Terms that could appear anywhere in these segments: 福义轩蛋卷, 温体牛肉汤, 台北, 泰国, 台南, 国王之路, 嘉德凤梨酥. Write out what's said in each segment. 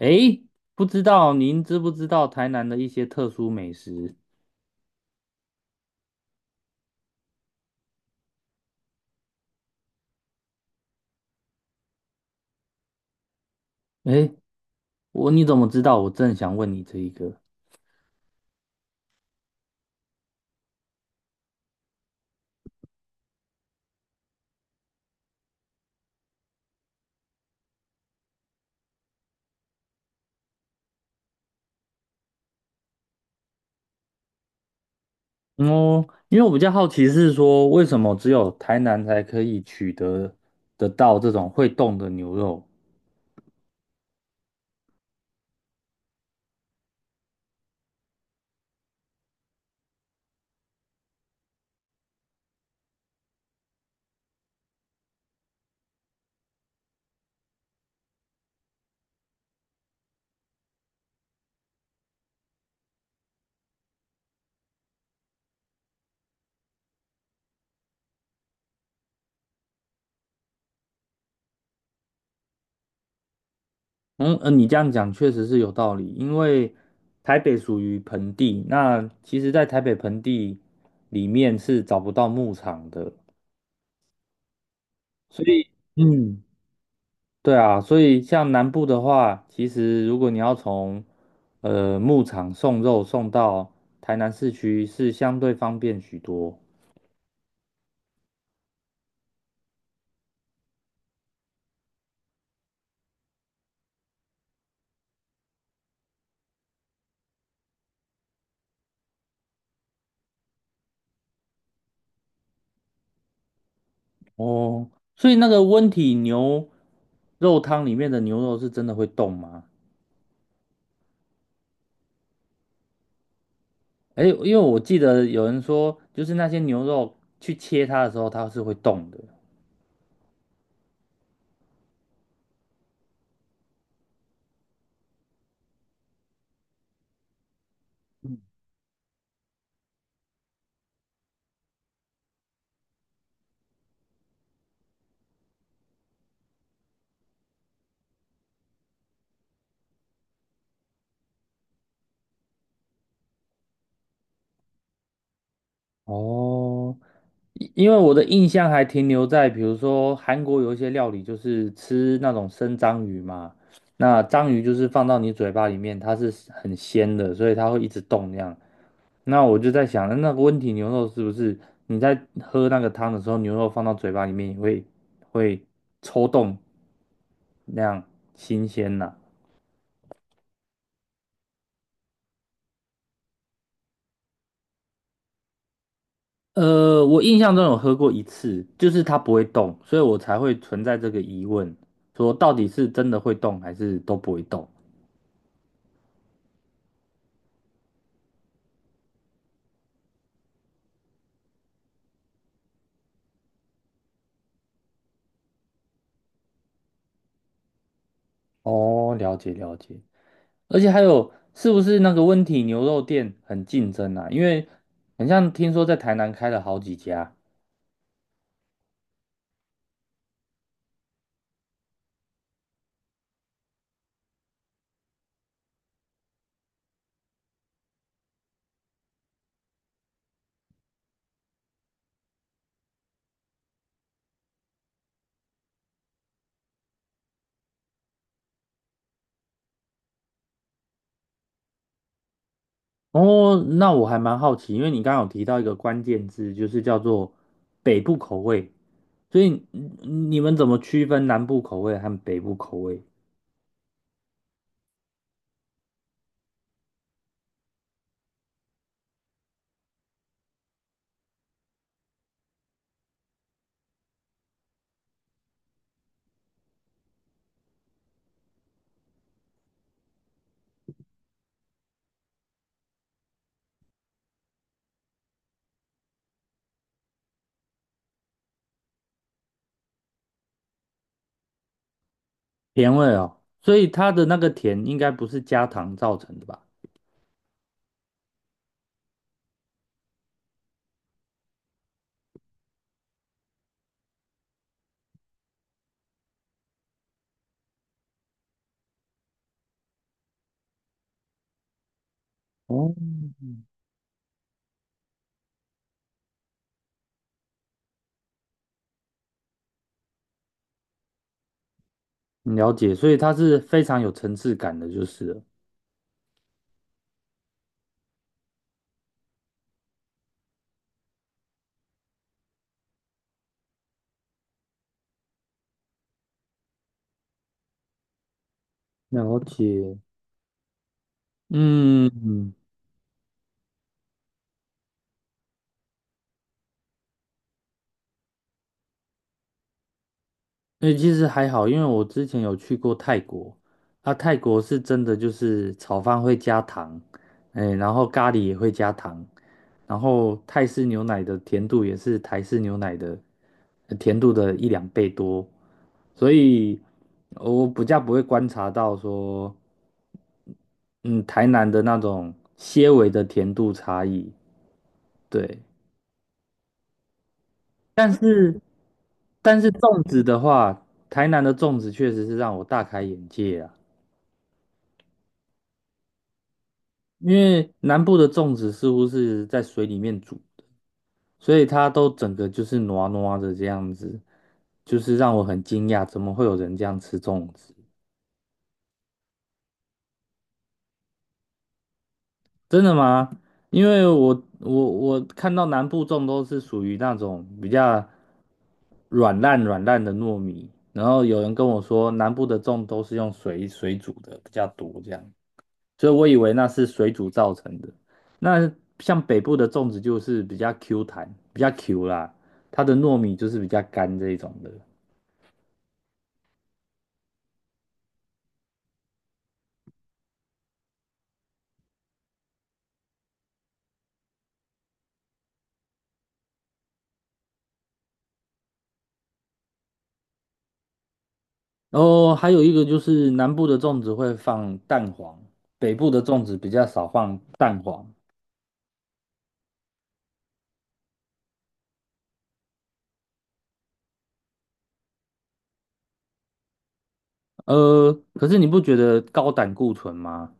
诶，不知道您知不知道台南的一些特殊美食？诶，你怎么知道？我正想问你这一个。因为我比较好奇是说，为什么只有台南才可以取得得到这种会动的牛肉？你这样讲确实是有道理，因为台北属于盆地，那其实在台北盆地里面是找不到牧场的，所以嗯，对啊，所以像南部的话，其实如果你要从牧场送肉送到台南市区，是相对方便许多。哦，所以那个温体牛肉汤里面的牛肉是真的会动吗？哎，因为我记得有人说，就是那些牛肉去切它的时候，它是会动的。哦，因为我的印象还停留在，比如说韩国有一些料理就是吃那种生章鱼嘛，那章鱼就是放到你嘴巴里面，它是很鲜的，所以它会一直动那样。那我就在想，那个温体牛肉是不是你在喝那个汤的时候，牛肉放到嘴巴里面也会会抽动那样新鲜呐、我印象中有喝过一次，就是它不会动，所以我才会存在这个疑问，说到底是真的会动还是都不会动。哦，了解了解，而且还有是不是那个温体牛肉店很竞争啊？因为很像听说在台南开了好几家。哦，那我还蛮好奇，因为你刚刚有提到一个关键字，就是叫做北部口味，所以你们怎么区分南部口味和北部口味？甜味哦，所以它的那个甜应该不是加糖造成的吧？哦，了解，所以它是非常有层次感的，就是了。了解，嗯。那其实还好，因为我之前有去过泰国，啊，泰国是真的就是炒饭会加糖，哎，然后咖喱也会加糖，然后泰式牛奶的甜度也是台式牛奶的甜度的一两倍多，所以我比较不会观察到说，嗯，台南的那种些微的甜度差异，对，但是但是粽子的话，台南的粽子确实是让我大开眼界啊。因为南部的粽子似乎是在水里面煮，所以它都整个就是糯糯的这样子，就是让我很惊讶，怎么会有人这样吃粽子？真的吗？因为我看到南部粽都是属于那种比较软烂软烂的糯米，然后有人跟我说南部的粽都是用水煮的比较多这样。所以我以为那是水煮造成的。那像北部的粽子就是比较 Q 弹，比较 Q 啦，它的糯米就是比较干这一种的。然后还有一个就是南部的粽子会放蛋黄，北部的粽子比较少放蛋黄。呃，可是你不觉得高胆固醇吗？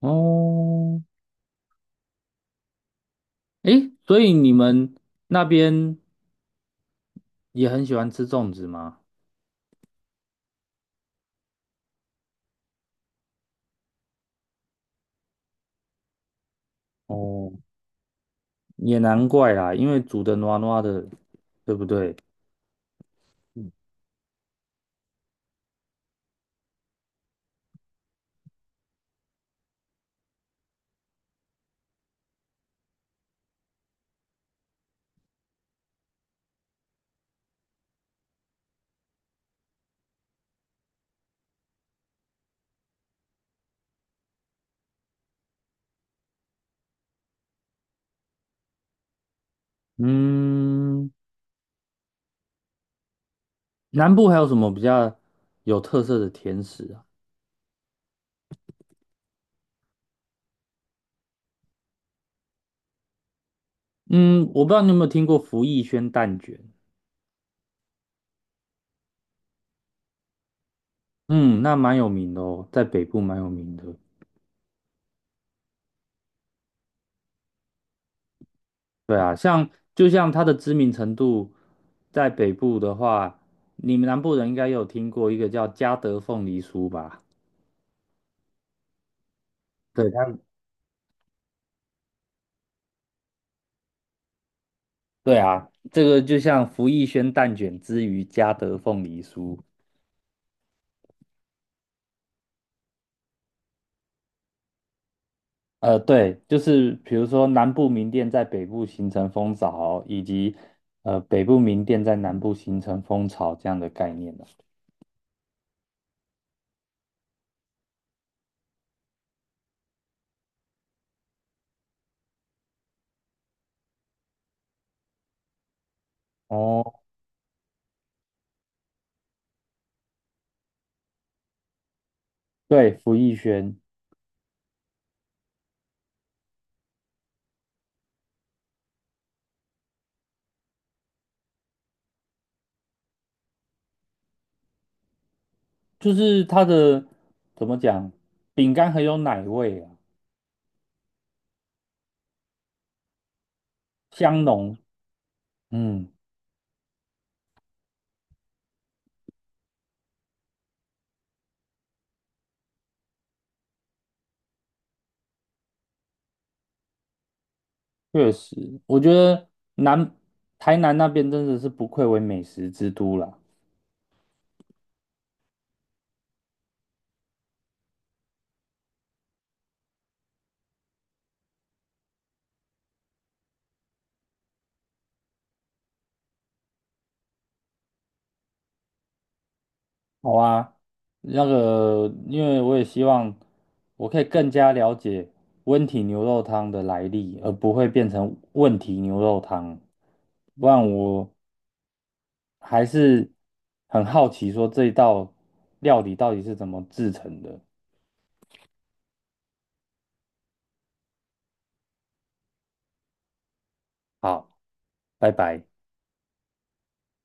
哦，诶，所以你们那边也很喜欢吃粽子吗？哦，也难怪啦，因为煮的糯糯的，对不对？嗯，南部还有什么比较有特色的甜食啊？嗯，我不知道你有没有听过福义轩蛋卷，嗯，那蛮有名的哦，在北部蛮有名的。对啊，就像它的知名程度，在北部的话，你们南部人应该有听过一个叫嘉德凤梨酥吧？对，它对啊，这个就像福义轩蛋卷之于嘉德凤梨酥，对，就是比如说南部民店在北部形成风潮，以及北部民店在南部形成风潮这样的概念呢。哦，对，福艺轩就是它的怎么讲，饼干很有奶味啊，香浓。嗯，确实，我觉得南台南那边真的是不愧为美食之都啦。好啊，那个，因为我也希望我可以更加了解温体牛肉汤的来历，而不会变成问题牛肉汤。不然我还是很好奇，说这一道料理到底是怎么制成的。好，拜拜。